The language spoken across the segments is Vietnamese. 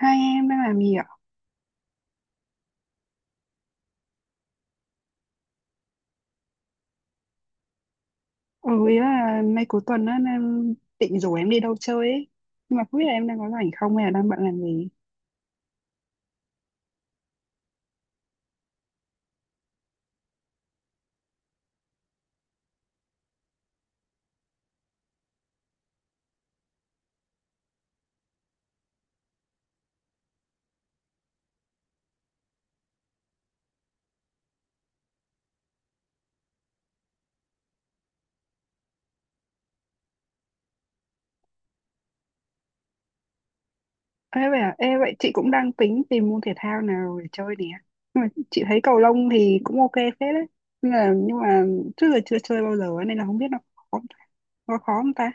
Hai em đang làm gì ạ? Ừ, ý là mấy cuối tuần á, em định rủ em đi đâu chơi ấy. Nhưng mà không biết là em đang có rảnh không hay là đang bận làm gì. Ê vậy, chị cũng đang tính tìm môn thể thao nào để chơi nè. Nhưng mà chị thấy cầu lông thì cũng ok phết đấy. Nhưng mà trước giờ chưa chơi bao giờ ấy, nên là không biết khó, nó khó không ta?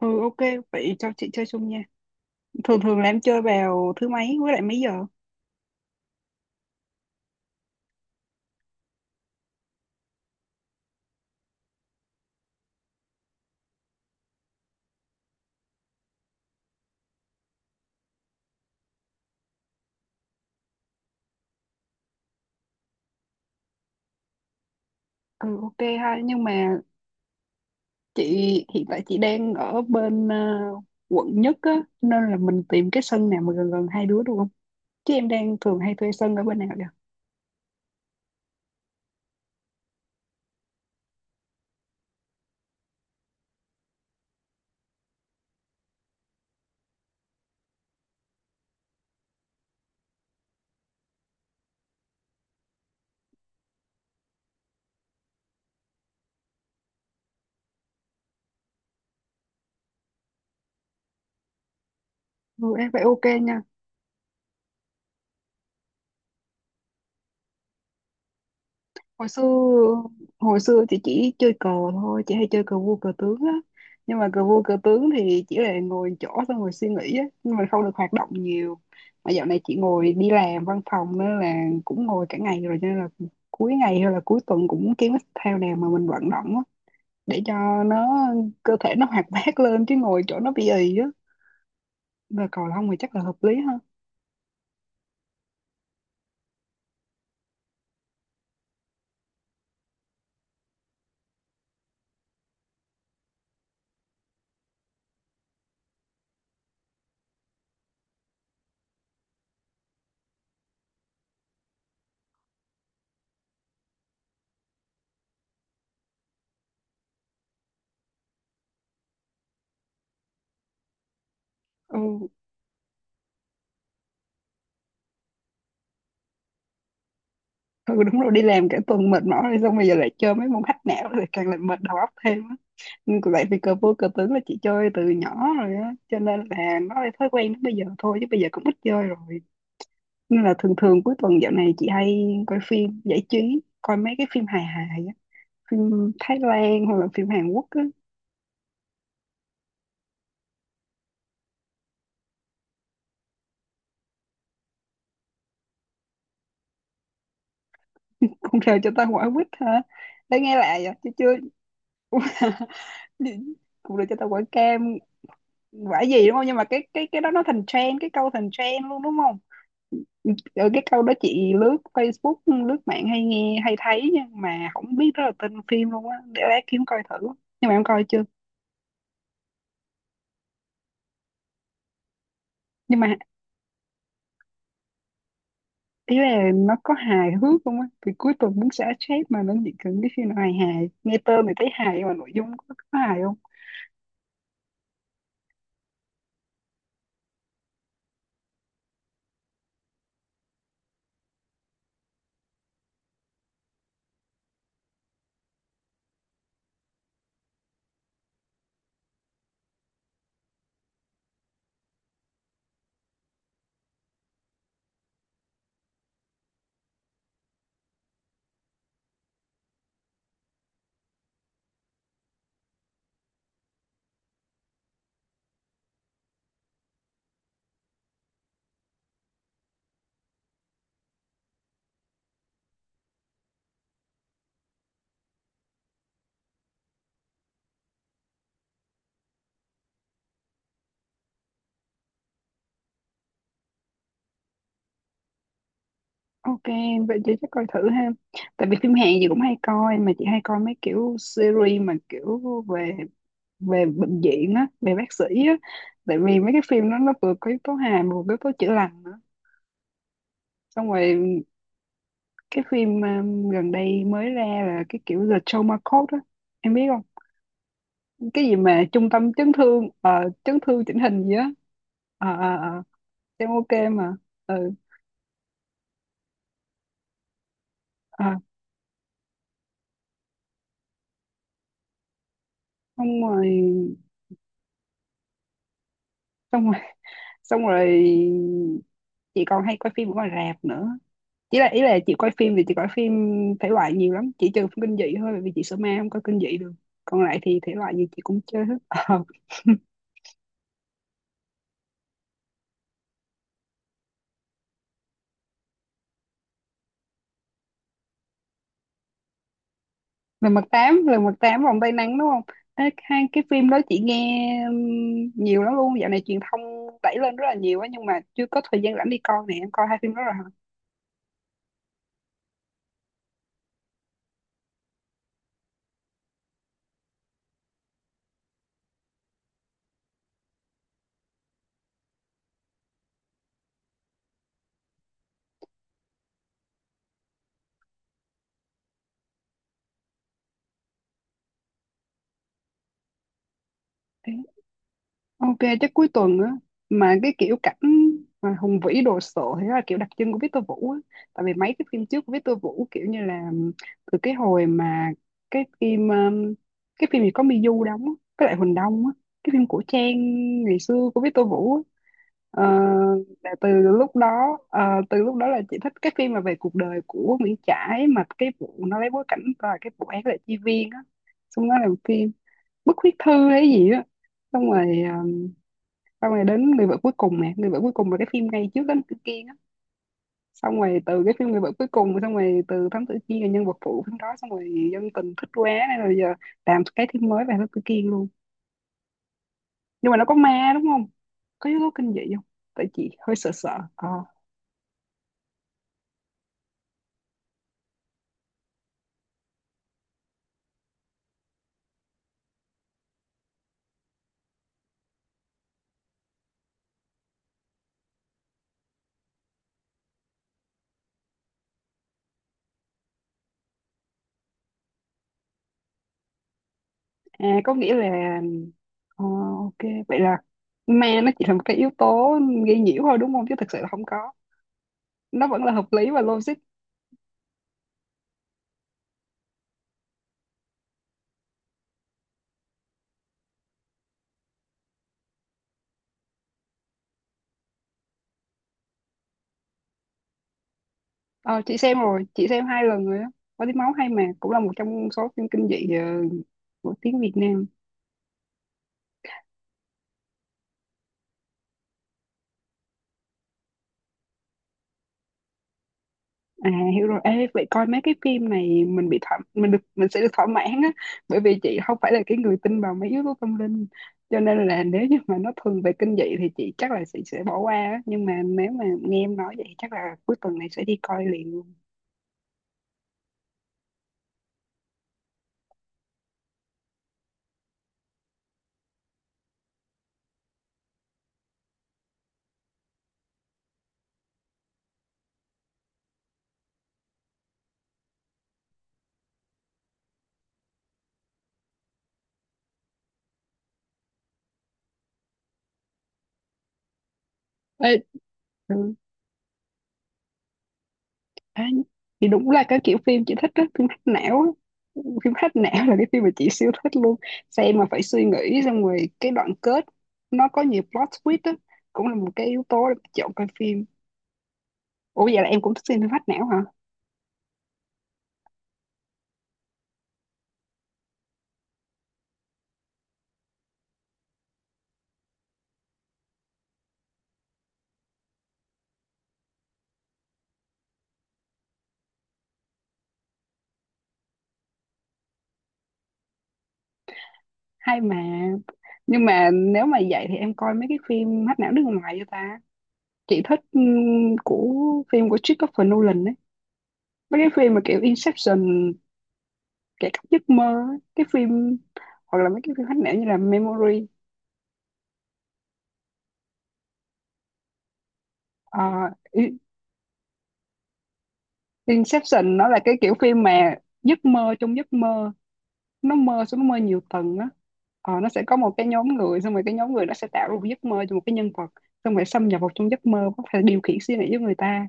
Ừ ok, vậy cho chị chơi chung nha. Thường thường là em chơi vào thứ mấy với lại mấy giờ? Ừ ok ha, nhưng mà Chị hiện tại chị đang ở bên quận nhất á, nên là mình tìm cái sân nào mà gần gần hai đứa được không? Chứ em đang thường hay thuê sân ở bên nào vậy? Ừ, em phải ok nha. Hồi xưa hồi xưa chị chỉ chơi cờ thôi, chị hay chơi cờ vua cờ tướng á. Nhưng mà cờ vua cờ tướng thì chỉ là ngồi chỗ xong rồi suy nghĩ á, nhưng mà không được hoạt động nhiều. Mà dạo này chị ngồi đi làm văn phòng nên là cũng ngồi cả ngày rồi, cho nên là cuối ngày hay là cuối tuần cũng kiếm cái thể thao nào mà mình vận động á, để cho cơ thể nó hoạt bát lên chứ ngồi chỗ nó bị ì á, là cầu lông thì chắc là hợp lý ha. Ừ, ừ đúng rồi, đi làm cả tuần mệt mỏi rồi xong bây giờ lại chơi mấy môn hack não rồi càng làm mệt đầu óc thêm á. Nhưng lại vì cờ vua cờ tướng là chị chơi từ nhỏ rồi á, cho nên là nó là thói quen đến bây giờ thôi chứ bây giờ cũng ít chơi rồi, nên là thường thường cuối tuần dạo này chị hay coi phim giải trí, coi mấy cái phim hài hài á, phim Thái Lan hoặc là phim Hàn Quốc á. Không, sao cho ta quả quýt hả? Để nghe lại vậy chứ chưa. Cũng được, cho tao quả cam quả gì đúng không? Nhưng mà cái đó nó thành trend, cái câu thành trend luôn đúng không? Rồi cái câu đó chị lướt Facebook, lướt mạng hay nghe hay thấy nhưng mà không biết đó là tên phim luôn á, để lát kiếm coi thử. Nhưng mà em coi chưa? Nhưng mà ý là nó có hài hước không á, thì cuối tuần muốn xả stress mà nó chỉ cần cái phim nào hài hài, nghe tên thì thấy hài nhưng mà nội dung có hài không? Ok, vậy chị chắc coi thử ha. Tại vì phim Hàn gì cũng hay coi, mà chị hay coi mấy kiểu series mà kiểu về về bệnh viện á, về bác sĩ á, tại vì mấy cái phim đó nó vừa có yếu tố hài mà vừa có yếu tố chữa lành nữa. Xong rồi cái phim gần đây mới ra là cái kiểu The Trauma Code á, em biết không? Cái gì mà trung tâm chấn thương chỉnh hình gì á? Ờ, ờ, ờ. Xem ok mà. Ừ, ờ. Xong rồi, xong rồi, xong rồi, chị còn hay coi phim ở ngoài rạp nữa. Ý là chị coi phim thể loại nhiều lắm, chỉ trừ phim kinh dị thôi, bởi vì chị sợ ma không coi kinh dị được, còn lại thì thể loại gì chị cũng chơi hết. Ờ. Lần mật tám vòng tay nắng đúng không? Ê, hai cái phim đó chị nghe nhiều lắm luôn, dạo này truyền thông đẩy lên rất là nhiều á nhưng mà chưa có thời gian rảnh đi coi nè, em coi hai phim đó rồi hả? Ok, chắc cuối tuần á, mà cái kiểu cảnh mà hùng vĩ đồ sộ thì đó là kiểu đặc trưng của Victor Vũ á. Tại vì mấy cái phim trước của Victor Vũ kiểu như là từ cái hồi mà cái phim um, cái phim gì có Miu đóng á, với lại Huỳnh Đông á, cái phim cổ trang ngày xưa của Victor Vũ á. Ờ, là từ lúc đó là chị thích cái phim mà về cuộc đời của Nguyễn Trãi, mà cái vụ nó lấy bối cảnh là cái vụ án là chi viên á, xong nó làm phim bức huyết thư hay gì á, xong rồi ờ, xong rồi đến người vợ cuối cùng nè, người vợ cuối cùng là cái phim ngay trước đến cái Kiên á, xong rồi từ cái phim người vợ cuối cùng, xong rồi từ Thám Tử Kiên là nhân vật phụ phim đó, xong rồi dân tình thích quá nên rồi giờ làm cái phim mới về Thám Tử Kiên luôn. Nhưng mà nó có ma đúng không? Có yếu tố kinh dị không? Tại chị hơi sợ sợ. Ờ. À, có nghĩa là ờ, ok, vậy là ma nó chỉ là một cái yếu tố gây nhiễu thôi đúng không, chứ thực sự là không có, nó vẫn là hợp lý và logic. Ờ, chị xem rồi, chị xem hai lần rồi đó. Có tiếng máu hay mà, cũng là một trong số phim kinh dị của tiếng Việt Nam. À, hiểu rồi. Ê, vậy coi mấy cái phim này mình bị thỏa, mình được mình sẽ được thỏa mãn á, bởi vì chị không phải là cái người tin vào mấy yếu tố tâm linh. Cho nên là nếu như mà nó thường về kinh dị thì chị chắc là chị sẽ bỏ qua á, nhưng mà nếu mà nghe em nói vậy chắc là cuối tuần này sẽ đi coi liền luôn. Ê, ừ. Ê, thì đúng là cái kiểu phim chị thích đó, phim hack não á. Phim hack não là cái phim mà chị siêu thích luôn, xem mà phải suy nghĩ xong rồi cái đoạn kết nó có nhiều plot twist á, cũng là một cái yếu tố để chọn coi phim. Ủa vậy là em cũng thích xem phim hack não hả? Hay mà. Nhưng mà nếu mà vậy thì em coi mấy cái phim hack não nước ngoài cho ta. Chị thích của phim của Christopher Nolan ấy, mấy cái phim mà kiểu Inception, kẻ cắp giấc mơ ấy. Cái phim hoặc là mấy cái phim hack não như là Memory. Ờ, Inception nó là cái kiểu phim mà giấc mơ trong giấc mơ, nó mơ xuống, nó mơ nhiều tầng á. Ờ, nó sẽ có một cái nhóm người, xong rồi cái nhóm người nó sẽ tạo ra một giấc mơ cho một cái nhân vật, xong rồi xâm nhập vào trong giấc mơ có thể điều khiển suy nghĩ của người ta,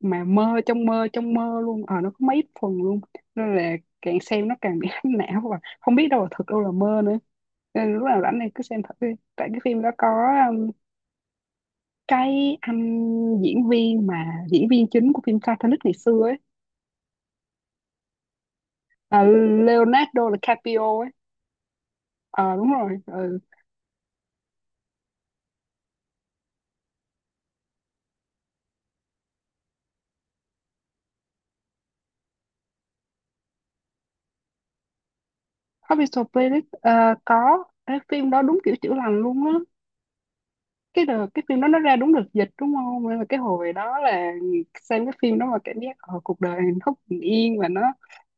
mà mơ trong mơ trong mơ luôn. Ờ, nó có mấy phần luôn, nên là càng xem nó càng bị hách não và không biết đâu là thật đâu là mơ nữa, nên lúc nào rảnh này cứ xem thử đi. Tại cái phim đó có um, cái anh diễn viên, mà diễn viên chính của phim Titanic ngày xưa ấy, à, Leonardo DiCaprio ấy. Ờ đúng rồi, ừ. Official Playlist. Ờ, có cái phim đó đúng kiểu chữa lành luôn á, cái phim đó nó ra đúng đợt dịch đúng không, nên là cái hồi đó là xem cái phim đó mà cảm giác cuộc đời hạnh phúc bình yên và nó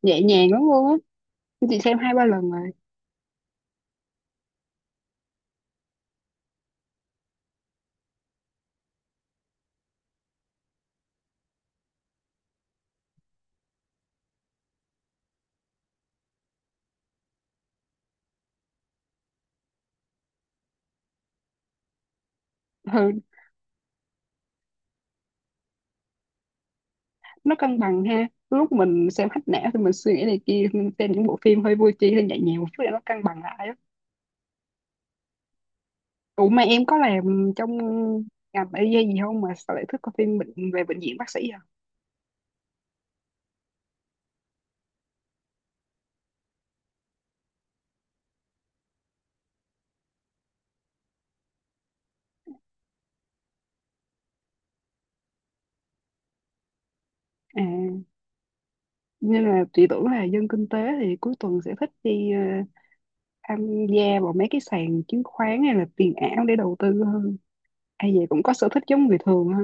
nhẹ nhàng lắm luôn á, chị xem hai ba lần rồi. Ừ, nó cân bằng ha, lúc mình xem hack não thì mình suy nghĩ này kia, mình xem những bộ phim hơi vui chi hơi nhẹ nhàng một chút để nó cân bằng lại á. Ủa mà em có làm trong ngành y gì không mà sao lại thích coi phim về bệnh viện bác sĩ? À, nhưng mà chị tưởng là dân kinh tế thì cuối tuần sẽ thích đi tham gia vào mấy cái sàn chứng khoán hay là tiền ảo để đầu tư hơn. Ai vậy cũng có sở thích giống người thường ha.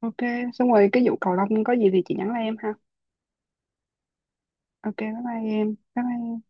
Ok, xong rồi cái vụ cầu lông có gì thì chị nhắn lại em ha. Ok, bye bye em. Bye bye em.